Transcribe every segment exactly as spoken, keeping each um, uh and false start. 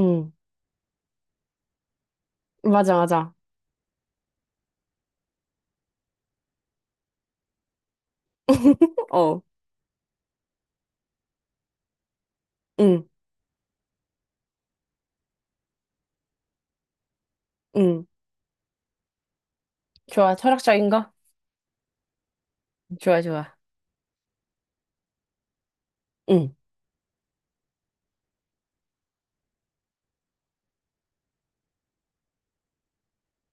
응, 맞아, 맞아. 어, 응, 응. 좋아, 철학적인 거? 좋아, 좋아. 응.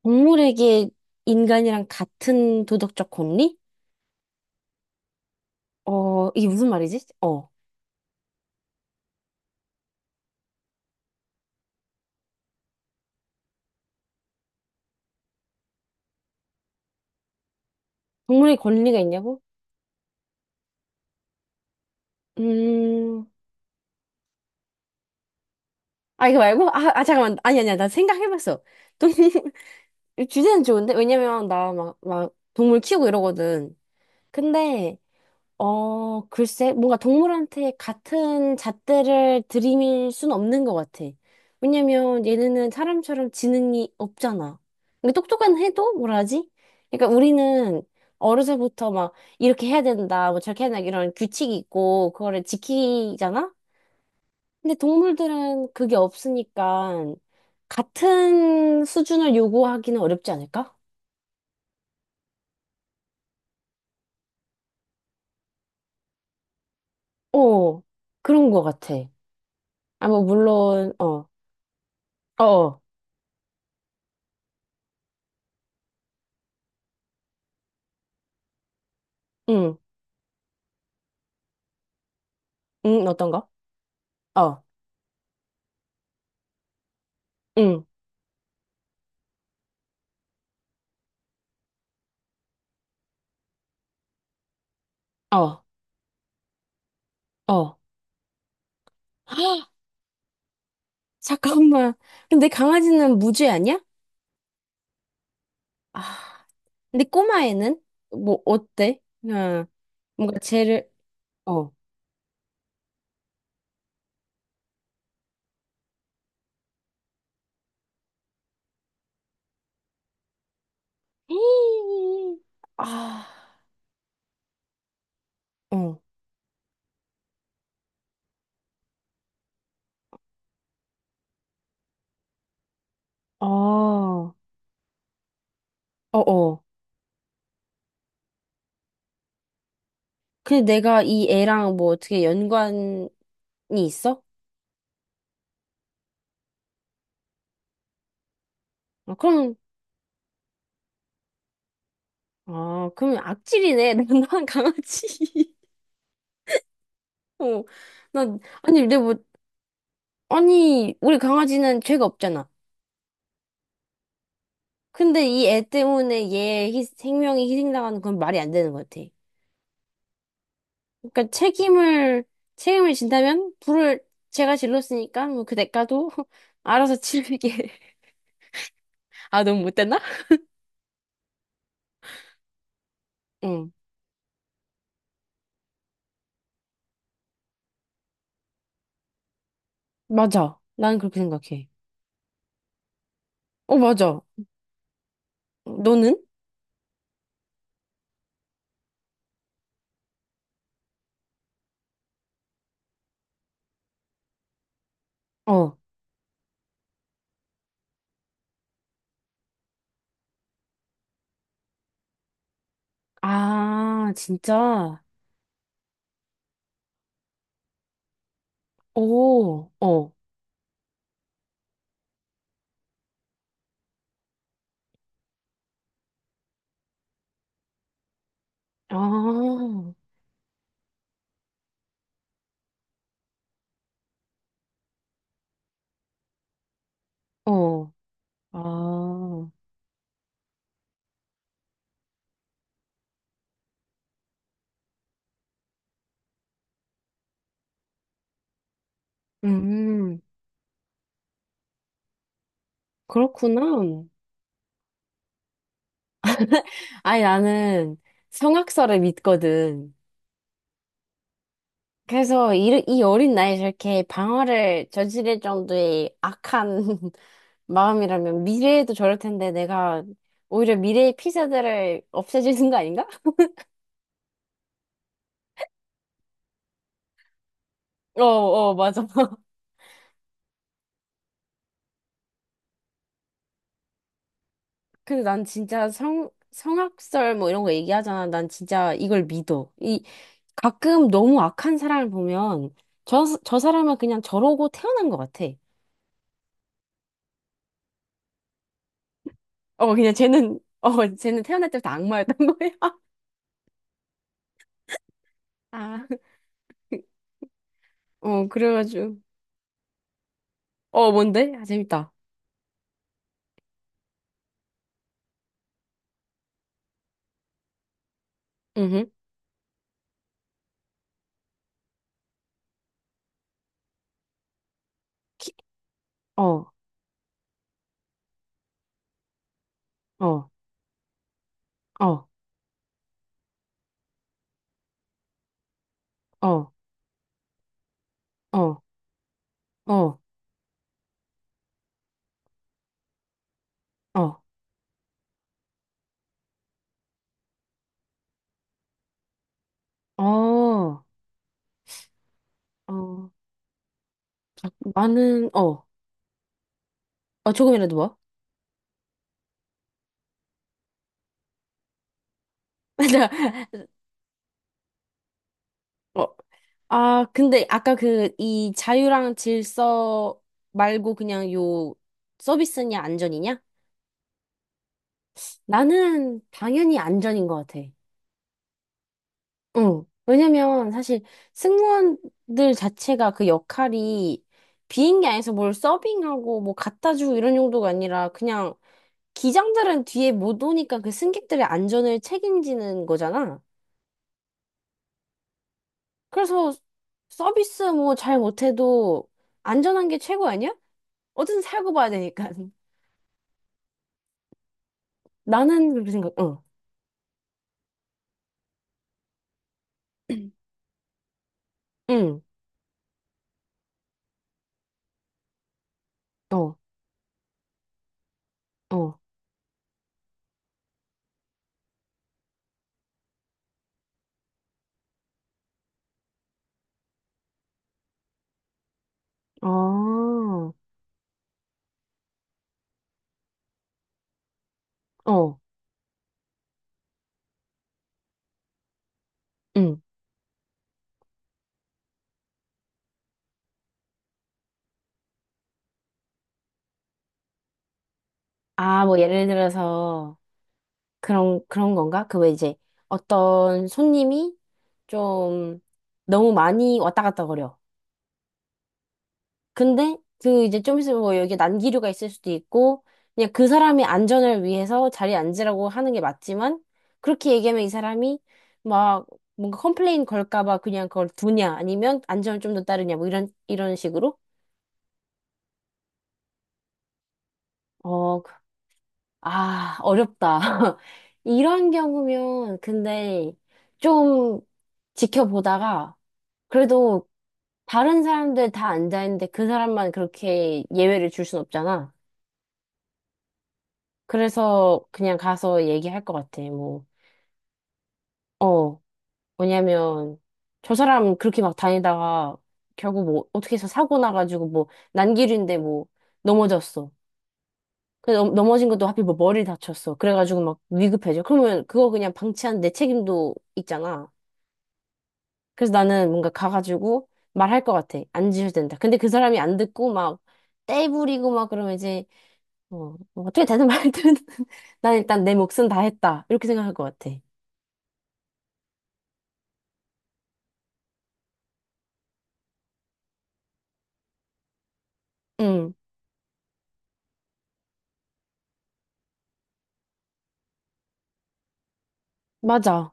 동물에게 인간이랑 같은 도덕적 권리? 어, 이게 무슨 말이지? 어, 동물의 권리가 있냐고? 음, 아, 이거 말고? 아, 아, 잠깐만. 아니, 아니야. 나 생각해봤어. 동물, 주제는 좋은데? 왜냐면 나 막, 막, 동물 키우고 이러거든. 근데, 어, 글쎄, 뭔가 동물한테 같은 잣대를 들이밀 순 없는 것 같아. 왜냐면 얘네는 사람처럼 지능이 없잖아. 근데 똑똑한 해도 뭐라 하지? 그러니까 우리는 어려서부터 막 이렇게 해야 된다, 뭐 저렇게 해야 된다, 이런 규칙이 있고, 그거를 지키잖아? 근데 동물들은 그게 없으니까 같은 수준을 요구하기는 어렵지 않을까? 어, 그런 것 같아. 아, 뭐, 물론, 어, 어, 어, 응. 응, 어떤 거? 어, 응, 어, 어. 잠깐만. 근데 강아지는 무죄 아니야? 아, 근데 꼬마애는? 뭐, 어때? 응, 뭔가 쟤를, 어. 아, 어, 어, 어, 어. 근데 내가 이 애랑 뭐 어떻게 연관이 있어? 아, 그럼, 아, 그럼 악질이네. 난 난 강아지. 어, 난, 아니, 근데 뭐, 아니, 우리 강아지는 죄가 없잖아. 근데 이 애 때문에 얘 희- 생명이 희생당하는 건 말이 안 되는 것 같아. 그러니까 책임을, 책임을 진다면 불을 제가 질렀으니까 뭐 그 대가도 알아서 치르게. 아, 너무 못됐나? 응. 맞아. 나는 그렇게 생각해. 어, 맞아. 너는? 어. 아, 진짜? 오, 어. 아, 어. 아, 음, 그렇구나. 아니, 나는 성악설을 믿거든. 그래서 이, 이 어린 나이에 저렇게 방화를 저지를 정도의 악한 마음이라면 미래에도 저럴 텐데 내가 오히려 미래의 피자들을 없애주는 거 아닌가? 어, 어, 맞아. 근데 난 진짜 성, 성악설 뭐 이런 거 얘기하잖아. 난 진짜 이걸 믿어. 이, 가끔 너무 악한 사람을 보면 저, 저 사람은 그냥 저러고 태어난 것 같아. 어, 그냥 쟤는, 어, 쟤는 태어날 때부터 악마였던 거야. 아, 어, 그래가지고. 어, 뭔데? 아, 재밌다. 음. 키, 어, 어, 어, 어, 어, 어, 어, 어, 어, 나는, 어, 어, 조금이라도 뭐? 어, 아, 근데 아까 그, 이 자유랑 질서 말고 그냥 요 서비스냐, 안전이냐? 나는 당연히 안전인 것 같아. 응. 왜냐면 사실 승무원들 자체가 그 역할이 비행기 안에서 뭘 서빙하고 뭐 갖다 주고 이런 용도가 아니라 그냥 기장들은 뒤에 못 오니까 그 승객들의 안전을 책임지는 거잖아. 그래서 서비스 뭐 잘 못해도 안전한 게 최고 아니야? 어쨌든 살고 봐야 되니까. 나는 그렇게 생각, 어, 응, 어, 어, 어, 어, 응. 아, 뭐 예를 들어서 그런, 그런 건가? 그 왜 이제 어떤 손님이 좀 너무 많이 왔다 갔다 거려. 근데 그 이제 좀 있으면 뭐 여기 난기류가 있을 수도 있고 그냥 그 사람의 안전을 위해서 자리에 앉으라고 하는 게 맞지만 그렇게 얘기하면 이 사람이 막 뭔가 컴플레인 걸까 봐 그냥 그걸 두냐 아니면 안전을 좀 더 따르냐 뭐 이런 이런 식으로 어, 그- 아, 어렵다. 이런 경우면 근데 좀 지켜보다가 그래도 다른 사람들 다 앉아 있는데 그 사람만 그렇게 예외를 줄 순 없잖아. 그래서 그냥 가서 얘기할 것 같아. 뭐, 어, 왜냐면 저 사람 그렇게 막 다니다가 결국 뭐 어떻게 해서 사고 나가지고 뭐 난길인데 뭐 넘어졌어. 그 넘- 넘어진 것도 하필 뭐 머리 다쳤어. 그래가지고 막 위급해져. 그러면 그거 그냥 방치한 내 책임도 있잖아. 그래서 나는 뭔가 가가지고 말할 것 같아. 안 지셔도 된다. 근데 그 사람이 안 듣고 막 떼부리고 막 그러면 이제 어, 뭐 어떻게 되든 말든 난 일단 내 몫은 다 했다. 이렇게 생각할 것 같아. 응. 맞아.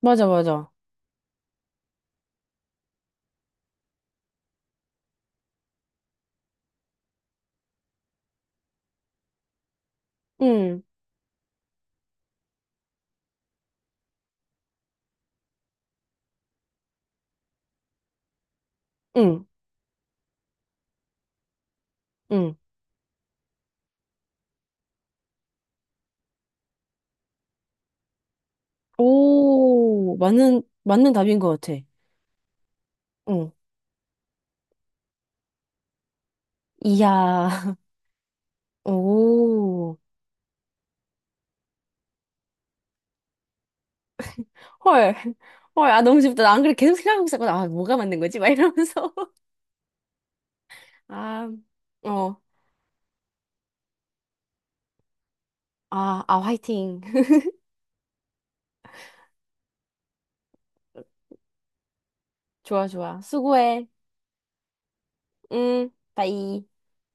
맞아, 맞아. 응, 응, 응. 오, 맞는, 맞는 답인 것 같아. 응. 이야, 오, 헐, 헐, 아, 너무 쉽다. 나 안 그래. 계속 생각하고 있었거든. 아, 뭐가 맞는 거지? 막 이러면서. 아, 어, 아, 아, 화이팅. 좋아, 좋아. 수고해. 응, 바이.